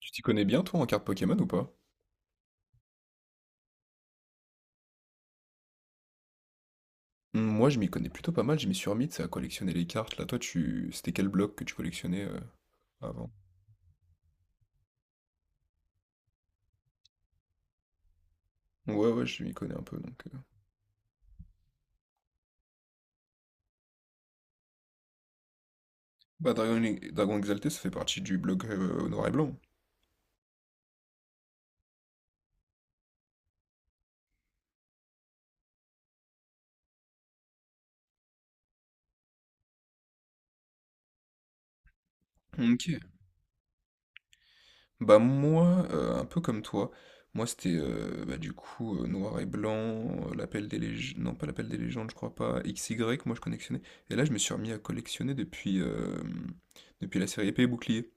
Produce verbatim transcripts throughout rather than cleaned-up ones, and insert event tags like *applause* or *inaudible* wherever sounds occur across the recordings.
Tu t'y connais bien, toi, en cartes Pokémon ou pas? Hmm, Moi, je m'y connais plutôt pas mal, je m'y suis remis, tu sais, à collectionner les cartes. Là, toi, tu... c'était quel bloc que tu collectionnais euh, avant? Ouais, ouais, je m'y connais un peu, donc... euh. Bah, Dragon, Dragon Exalté, ça fait partie du bloc euh, noir et blanc. Ok. Bah, moi, euh, un peu comme toi, moi, c'était, euh, bah, du coup, euh, noir et blanc, euh, l'appel des légendes... Non, pas l'appel des légendes, je crois pas, X Y, moi, je collectionnais. Et là, je me suis remis à collectionner depuis, euh, depuis la série Épée et Bouclier.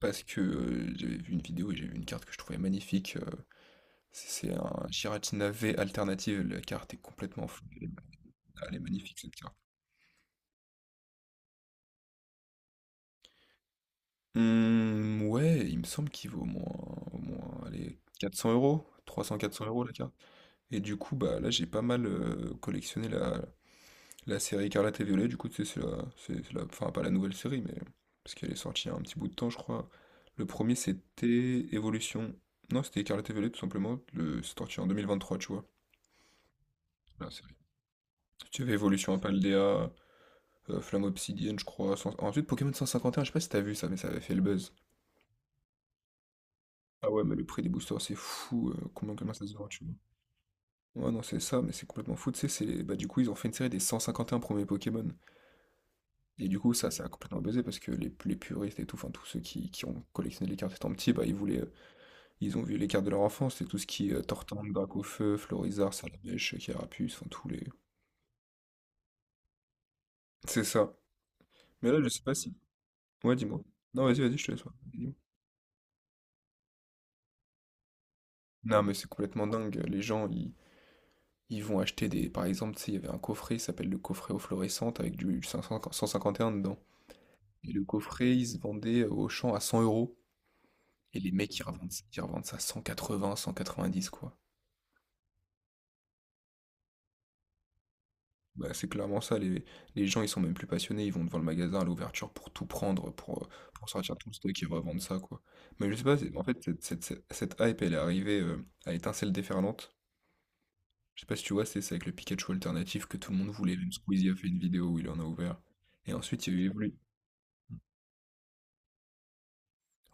Parce que, heu, j'avais vu une vidéo et j'ai vu une carte que je trouvais magnifique, heu, c'est c'est un Giratina V alternative, la carte est complètement floue. elle est elle est magnifique cette carte. Mmh, ouais, il me semble qu'il vaut au moins au moins allez quatre cents €, trois cents-quatre cents euros trois cents-quatre cents euros la carte. Et du coup, bah, là, j'ai pas mal, heu, collectionné la la série Écarlate et Violet, du coup, tu sais, c'est la c'est c'est la enfin, pas la nouvelle série, mais parce qu'elle est sortie il y a un petit bout de temps, je crois. Le premier c'était Évolution. Non, c'était Écarlate et Violet, tout simplement, le c'est sorti en deux mille vingt-trois, tu vois? La Tu avais Evolution Paldea, euh, Flamme Obsidienne, je crois. cent- Ensuite, Pokémon cent cinquante et un, je sais pas si t'as vu ça, mais ça avait fait le buzz. Ah ouais, mais le prix des boosters, c'est fou. euh, combien, comment ça se vend, tu vois? Ouais, non, c'est ça, mais c'est complètement fou. Tu sais, c'est bah, du coup, ils ont fait une série des cent cinquante et un premiers Pokémon. Et du coup, ça, ça a complètement buzzé parce que les, les puristes et tout, enfin, tous ceux qui, qui ont collectionné les cartes étant petits, bah, ils voulaient, euh, ils ont vu les cartes de leur enfance. Et tout ce qui est Tortank, Dracaufeu, Florizarre, Salamèche, Carapuce, enfin, tous les. C'est ça. Mais là, je sais pas si. Ouais, dis-moi. Non, vas-y, vas-y, je te laisse. ouais. Dis-moi. Non, mais c'est complètement dingue. Les gens, ils, ils vont acheter des. Par exemple, tu sais, il y avait un coffret, il s'appelle le coffret aux fluorescentes, avec du cinq cents cent cinquante et un dedans. Et le coffret, il se vendait au champ à cent euros. Et les mecs, ils revendent, ils revendent ça à cent quatre-vingts, cent quatre-vingt-dix, quoi. Bah, c'est clairement ça. Les, les gens, ils sont même plus passionnés. Ils vont devant le magasin à l'ouverture pour tout prendre, pour, euh, pour sortir tout le stock et revendre ça, quoi. Mais je sais pas, c'est- en fait, cette, cette- cette- cette hype, elle est arrivée euh, à étincelle déferlante. Je sais pas si tu vois, c'est ça avec le Pikachu alternatif que tout le monde voulait. Même Squeezie a fait une vidéo où il en a ouvert. Et ensuite, il y a eu Evolu.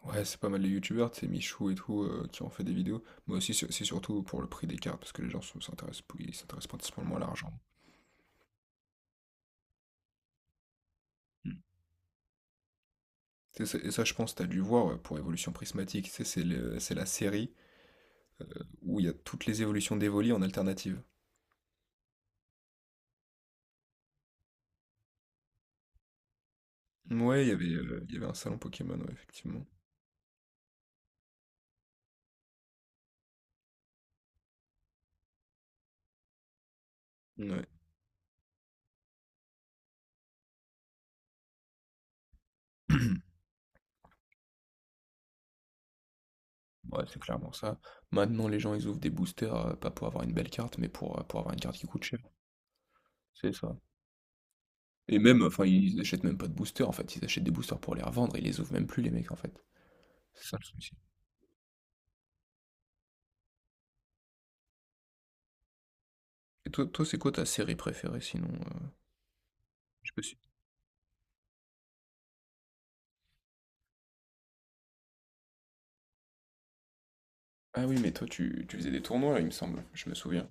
Ouais, c'est pas mal les youtubeurs, c'est Michou et tout, euh, qui ont fait des vidéos. Mais aussi, sur- c'est surtout pour le prix des cartes, parce que les gens sont- s'intéressent ils s'intéressent principalement à l'argent. Hmm. C'est ça- Et ça, je pense, t'as dû voir ouais, pour Évolution Prismatique. Tu sais, c'est le- c'est la série euh, où il y a toutes les évolutions d'Evoli en alternative. Ouais, il y avait, euh, il y avait un salon Pokémon, ouais, effectivement. Ouais. *clears throat* Ouais, c'est clairement ça. Maintenant, les gens, ils ouvrent des boosters, heu, pas pour avoir une belle carte, mais pour, heu, pour avoir une carte qui coûte cher. C'est ça. Et même, enfin, ils achètent même pas de boosters, en fait, ils achètent des boosters pour les revendre, ils les ouvrent même plus les mecs, en fait. C'est ça le souci. Et toi toi, c'est quoi ta série préférée sinon, heu? Je me suis Ah oui, mais toi, tu tu faisais des tournois, il me semble, je me souviens.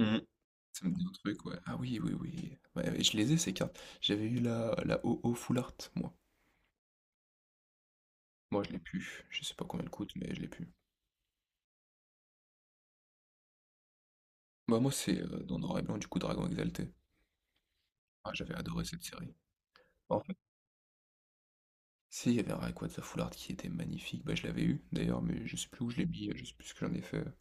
Mmh. Ça me dit un truc, ouais. Ah oui, oui, oui. Ouais, ouais, je les ai ces cartes. J'avais eu la la o o Full Art, moi. Moi, je l'ai plus. Je sais pas combien elle coûte, mais je l'ai plus. Bah, moi, c'est, heu, dans Noir et Blanc, du coup, Dragon Exalté. Ah, j'avais adoré cette série. En fait, si, il y avait un Rayquaza foulard qui était magnifique. Bah, je l'avais eu, d'ailleurs, mais je sais plus où je l'ai mis, je sais plus ce que j'en ai fait. Parce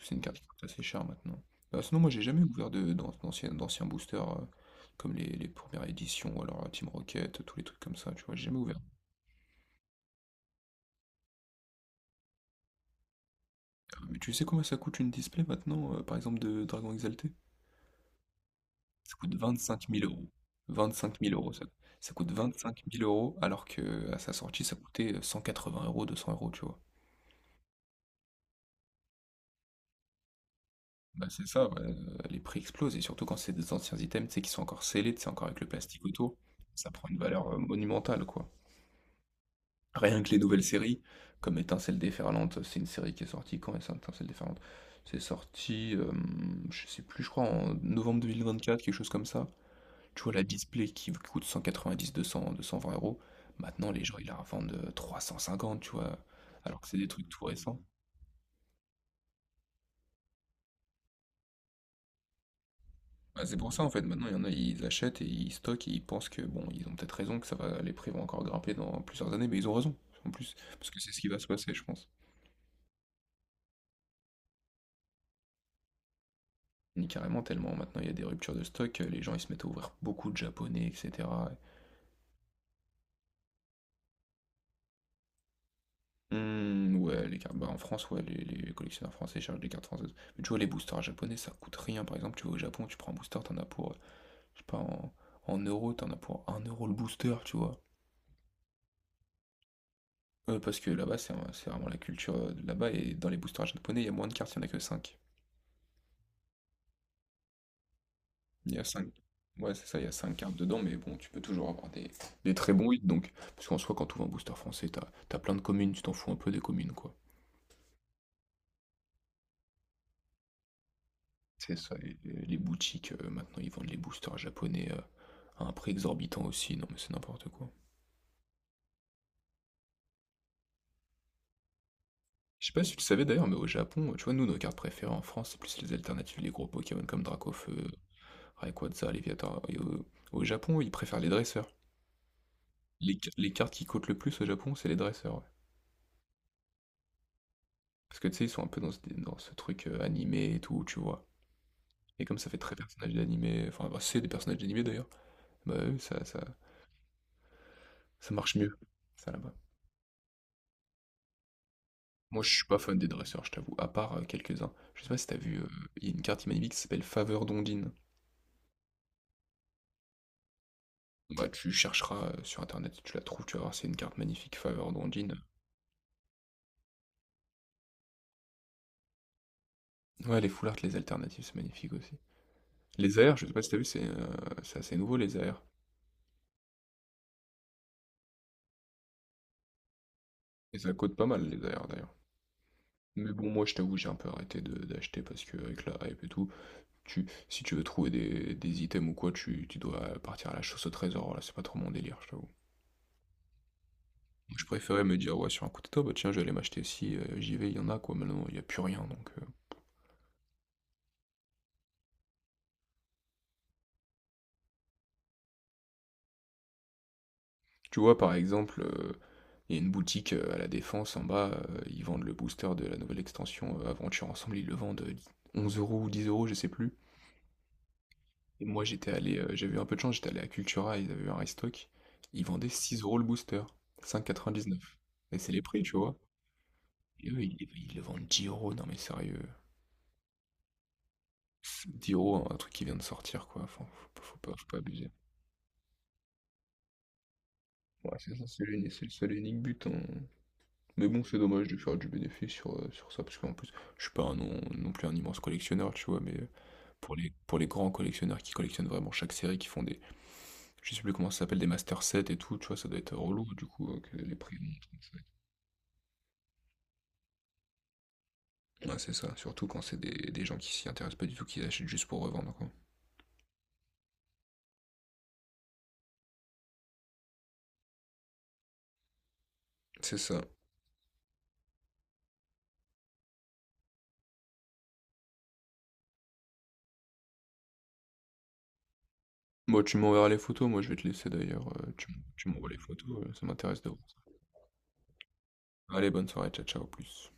que C'est une carte qui coûte assez cher maintenant. Bah, sinon, moi, j'ai jamais ouvert de, d'an- d'anciens, d'anciens boosters, euh, comme les, les premières éditions, ou alors euh, Team Rocket, tous les trucs comme ça, tu vois, j'ai jamais ouvert. Euh, Mais tu sais combien ça coûte une display maintenant, euh, par exemple, de Dragon Exalté? Ça coûte vingt-cinq mille euros. Vingt-cinq mille euros, ça, ça coûte vingt-cinq mille euros, alors que à sa sortie, ça coûtait euh, cent quatre-vingts euros, deux cents euros, tu vois. Bah, c'est ça, ouais, heu, les prix explosent et surtout quand c'est des anciens items, tu sais, qui sont encore scellés, tu sais, encore avec le plastique autour, ça prend une valeur, heu, monumentale, quoi. Rien que les nouvelles séries, comme Étincelles déferlantes, c'est une série qui est sortie quand Étin Étincelles déferlantes? C'est sorti, hem, je sais plus, je crois en novembre deux mille vingt-quatre, quelque chose comme ça. Tu vois la Display qui v coûte cent quatre-vingt-dix deux cents-deux cent vingt euros, maintenant les gens ils la revendent, heu, trois cent cinquante, tu vois? Alors que c'est des trucs tout récents. Bah, c'est pour ça en fait, maintenant il y en a, ils achètent et ils stockent et ils pensent que bon, ils ont peut-être raison, que ça va, les prix vont encore grimper dans plusieurs années, mais ils ont raison, en plus, parce que c'est ce qui va se passer, je pense. Ni carrément tellement, maintenant il y a des ruptures de stock, euh, les gens ils se mettent à ouvrir beaucoup de japonais, et cetera. Hmm, ouais, les cartes, bah en France, ouais, les, les collectionneurs français cherchent des cartes françaises. Mais tu vois, les boosters japonais, ça coûte rien, par exemple, tu vas au Japon, tu prends un booster, t'en as pour, euh, je sais pas, en, en euros, t'en as pour un euro le booster, tu vois. Euh, parce que là-bas, c'est c'est vraiment la culture euh, de là-bas. Et dans les boosters japonais, il y a moins de cartes, il n'y en a que cinq. Il y a cinq. Ouais, c'est ça, il y a cinq cartes dedans, mais bon, tu peux toujours avoir des, des très bons hits. Donc, parce qu'en soi, quand tu ouvres un booster français, t'as, t'as plein de communes, tu t'en fous un peu des communes, quoi. C'est ça. Et les les boutiques, euh, maintenant, ils vendent les boosters japonais euh, à un prix exorbitant aussi. Non, mais c'est n'importe quoi. Je sais pas si tu le savais d'ailleurs, mais au Japon, tu vois, nous, nos cartes préférées en France, c'est plus les alternatives, les gros Pokémon comme Dracofeu, Rayquaza, Léviathan. Et au, au Japon, ils préfèrent les dresseurs. Les, les cartes qui coûtent le plus au Japon, c'est les dresseurs. ouais. Parce que tu sais, ils sont un peu dans ce, dans ce truc euh, animé et tout, tu vois. Et comme ça fait très personnage d'animé, enfin, bah, c'est des personnages d'animé d'ailleurs, bah oui, ça, ça, ça marche mieux, ça là-bas. Moi, je suis pas fan des dresseurs, je t'avoue, à part euh, quelques-uns. Je sais pas si t'as vu, euh, il y a une carte magnifique qui s'appelle Faveur d'Ondine. Bah, tu chercheras euh, sur internet, tu la trouves, tu vas voir, c'est une carte magnifique, Faveur d'Ondine. Ouais, les full art, les alternatives, c'est magnifique aussi. Les A R, je sais pas si t'as vu, c'est euh, c'est assez nouveau, les A R. Et ça coûte pas mal, les A R, d'ailleurs. Mais bon, moi, je t'avoue, j'ai un peu arrêté de- d'acheter parce que avec la hype et tout, tu, si tu veux trouver des, des items ou quoi, tu, tu dois partir à la chasse au trésor. Là, c'est pas trop mon délire, je t'avoue. Je préférais me dire, ouais, sur un coup de tête, bah tiens, je vais aller m'acheter si euh, j'y vais, il y en a quoi. Maintenant, il y a plus rien. Donc, euh. Tu vois, par exemple, euh, il y a une boutique euh, à la Défense en bas, euh, ils vendent le booster de la nouvelle extension euh, Aventure Ensemble, ils le vendent euh, onze euros ou dix euros, je sais plus. Et moi, j'étais allé, euh, j'avais eu un peu de chance, j'étais allé à Cultura, ils avaient eu un restock. Ils vendaient six euros le booster, cinq quatre-vingt-dix-neuf. Et c'est les prix, tu vois. Et eux, ils, ils le vendent dix euros, non mais sérieux. Dix euros, un truc qui vient de sortir, quoi. Enfin, faut, pas- faut pas, faut pas abuser. Ouais, c'est ça, c'est l'uni- c'est le seul et unique but. hein. Mais bon, c'est dommage de faire du bénéfice sur, euh, sur ça, parce qu'en plus, je suis pas un non, non plus un immense collectionneur, tu vois, mais euh, pour les, pour les grands collectionneurs qui collectionnent vraiment chaque série, qui font des, je sais plus comment ça s'appelle, des master sets et tout, tu vois, ça doit être relou, du coup, euh, que les prix montent comme ça. Ouais, c'est ça, surtout quand c'est des, des gens qui s'y intéressent pas du tout, qui achètent juste pour revendre, quoi. C'est ça. Moi, tu m'enverras les photos, moi je vais te laisser d'ailleurs, euh, tu, m- tu m'envoies les photos, euh, ça m'intéresse de voir. ça. Allez, bonne soirée, ciao, ciao, au plus.